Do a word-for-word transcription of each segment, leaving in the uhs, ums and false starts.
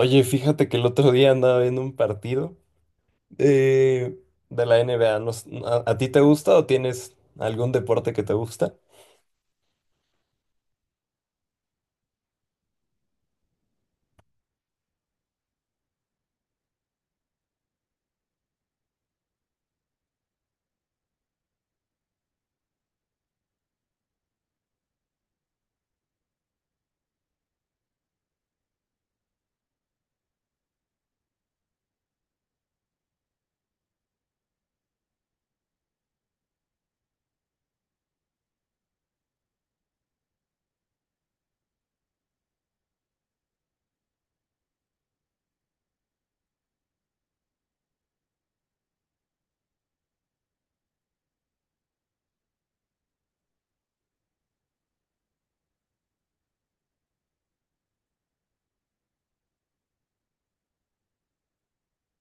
Oye, fíjate que el otro día andaba viendo un partido eh, de la N B A. No s- ¿A, a ti te gusta o tienes algún deporte que te gusta?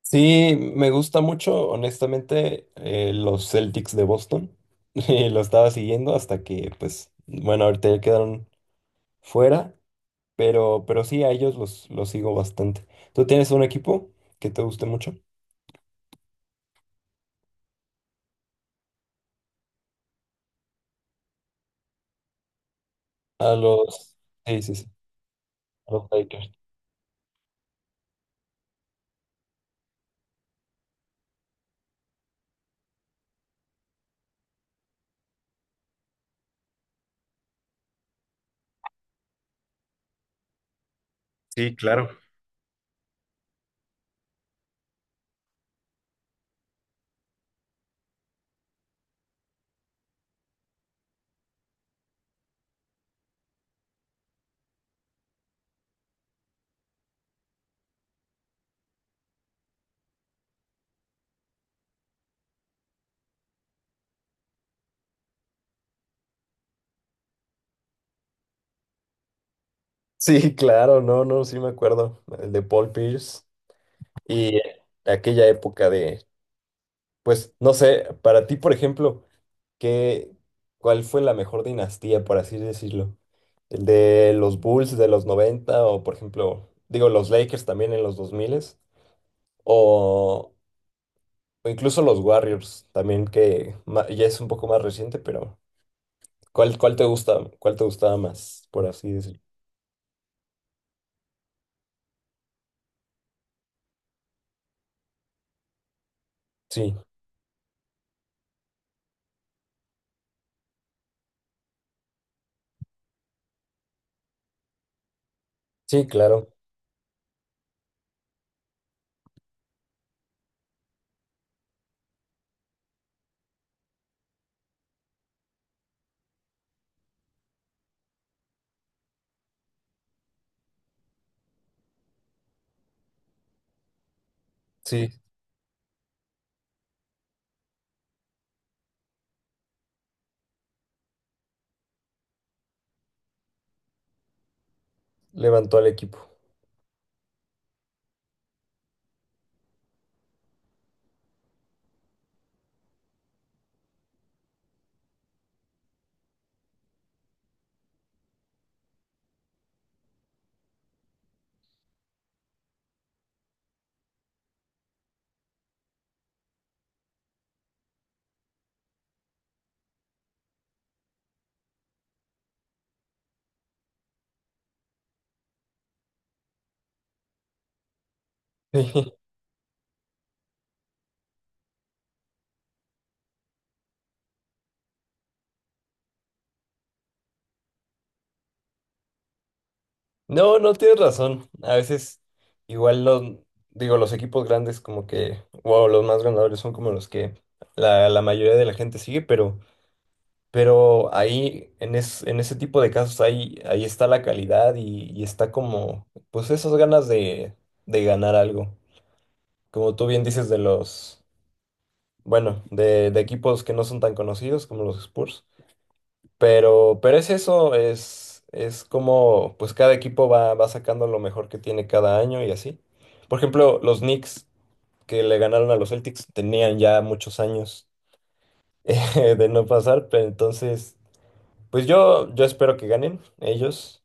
Sí, me gusta mucho, honestamente, eh, los Celtics de Boston. Y lo estaba siguiendo hasta que, pues, bueno, ahorita ya quedaron fuera. Pero, pero sí, a ellos los, los sigo bastante. ¿Tú tienes un equipo que te guste mucho? A los... Sí, sí, sí, a los Lakers. Sí, claro. Sí, claro, no, no, sí me acuerdo. El de Paul Pierce y aquella época de, pues, no sé, para ti, por ejemplo, ¿qué, ¿cuál fue la mejor dinastía, por así decirlo? ¿El de los Bulls de los noventa o, por ejemplo, digo, los Lakers también en los dos mil o O incluso los Warriors también, que ma- ya es un poco más reciente, pero ¿cuál, ¿cuál te gusta, cuál te gustaba más, por así decirlo? Sí, sí, claro. Sí, levantó al equipo. No, no, tienes razón. A veces igual los, digo, los equipos grandes como que, wow, los más ganadores son como los que la, la mayoría de la gente sigue, pero, pero ahí, en, es, en ese tipo de casos, ahí, ahí está la calidad y, y está como, pues esas ganas de, de ganar algo, como tú bien dices, de los, bueno, de, de equipos que no son tan conocidos como los Spurs. Pero, pero es eso, es, es como, pues cada equipo va, va sacando lo mejor que tiene cada año y así. Por ejemplo, los Knicks que le ganaron a los Celtics tenían ya muchos años eh, de no pasar, pero entonces, pues yo, yo espero que ganen ellos.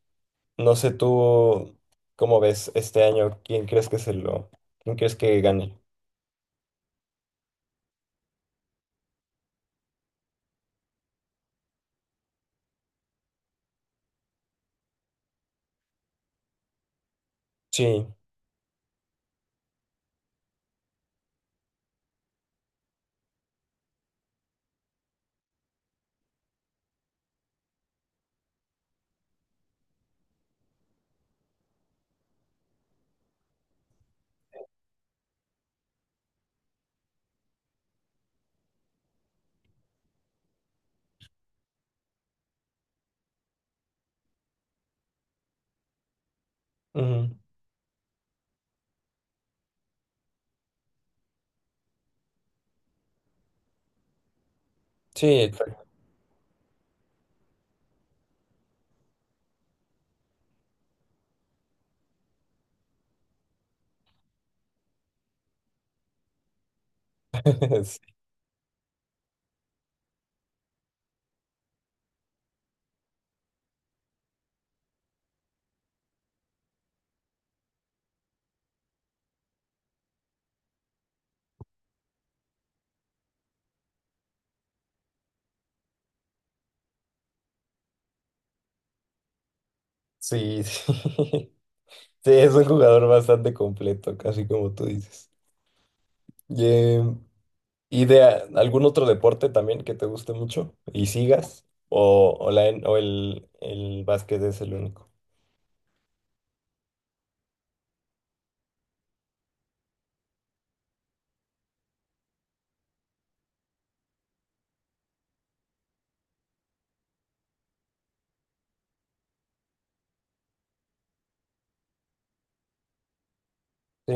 No sé tú cómo ves este año, quién crees que se lo, quién crees que gane. Sí, ujú. Sí, exacto. Sí, sí. Sí, es un jugador bastante completo, casi como tú dices. Y, eh, ¿y de a- algún otro deporte también que te guste mucho y sigas? ¿O, o, la, en- ¿o el, el básquet es el único? Sí.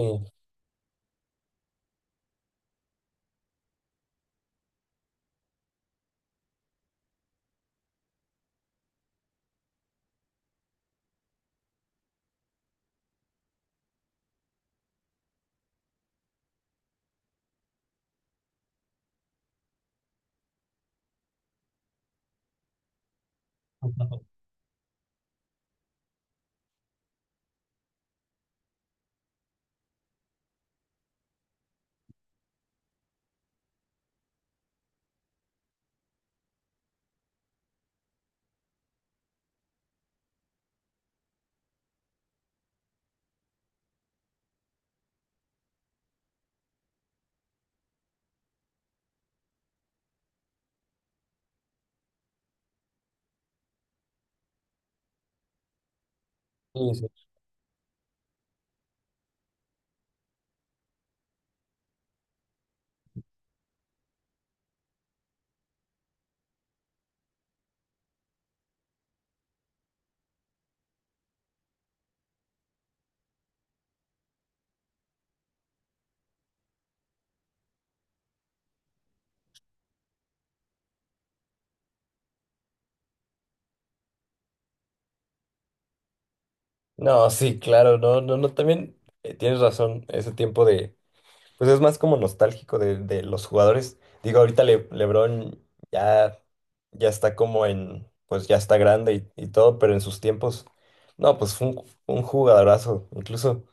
Sí, sí. No, sí, claro, no, no, no, también eh, tienes razón, ese tiempo de... Pues es más como nostálgico de, de los jugadores. Digo, ahorita Le- LeBron ya, ya está como en, pues ya está grande y, y todo, pero en sus tiempos, no, pues fue un, un jugadorazo. Incluso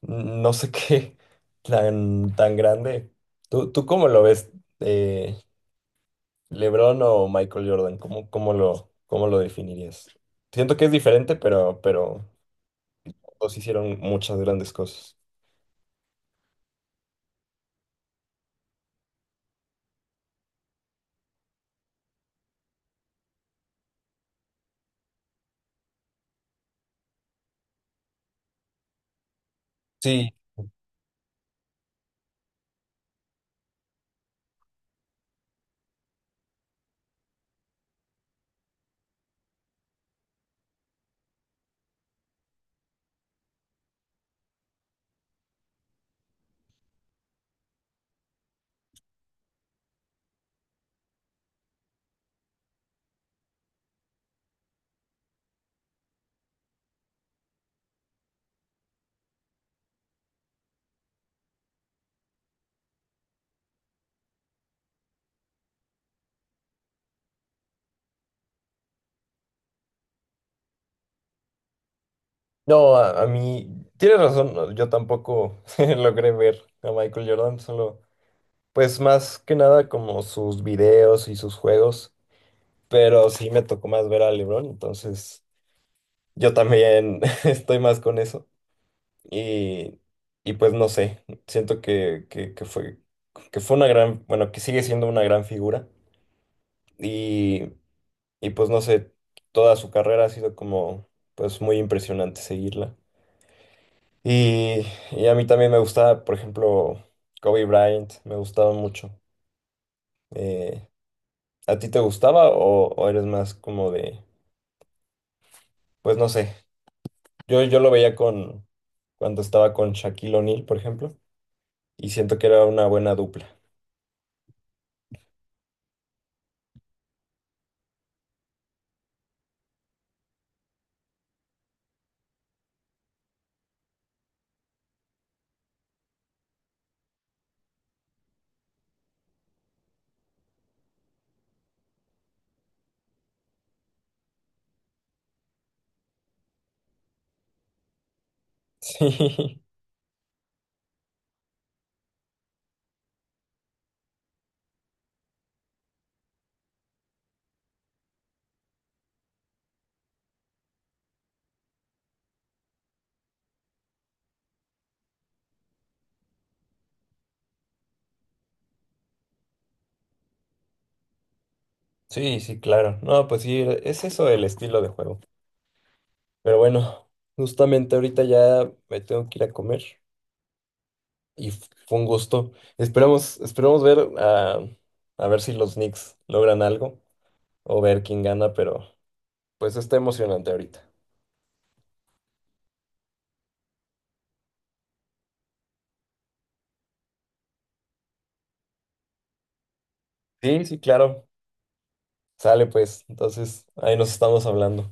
mm, no sé qué tan, tan grande. ¿Tú, tú cómo lo ves? Eh, ¿LeBron o Michael Jordan? ¿Cómo, cómo lo, ¿cómo lo definirías? Siento que es diferente, pero, pero los hicieron muchas grandes cosas. Sí, no, a, a mí, tienes razón, no, yo tampoco logré ver a Michael Jordan, solo, pues más que nada como sus videos y sus juegos, pero sí me tocó más ver a LeBron, entonces yo también estoy más con eso y, y pues no sé, siento que, que, que fue, que fue una gran, bueno, que sigue siendo una gran figura y, y pues no sé, toda su carrera ha sido como, pues muy impresionante seguirla. Y, y a mí también me gustaba, por ejemplo, Kobe Bryant, me gustaba mucho. Eh, ¿a ti te gustaba o, o eres más como de, pues no sé, yo, yo lo veía con cuando estaba con Shaquille O'Neal, por ejemplo, y siento que era una buena dupla? Sí, sí, sí, claro. No, pues sí, es eso, el estilo de juego. Pero bueno, justamente ahorita ya me tengo que ir a comer y f- fue un gusto. Esperamos, esperamos ver a, a ver si los Knicks logran algo, o ver quién gana, pero pues está emocionante ahorita. Sí, sí, claro. Sale pues. Entonces, ahí nos estamos hablando.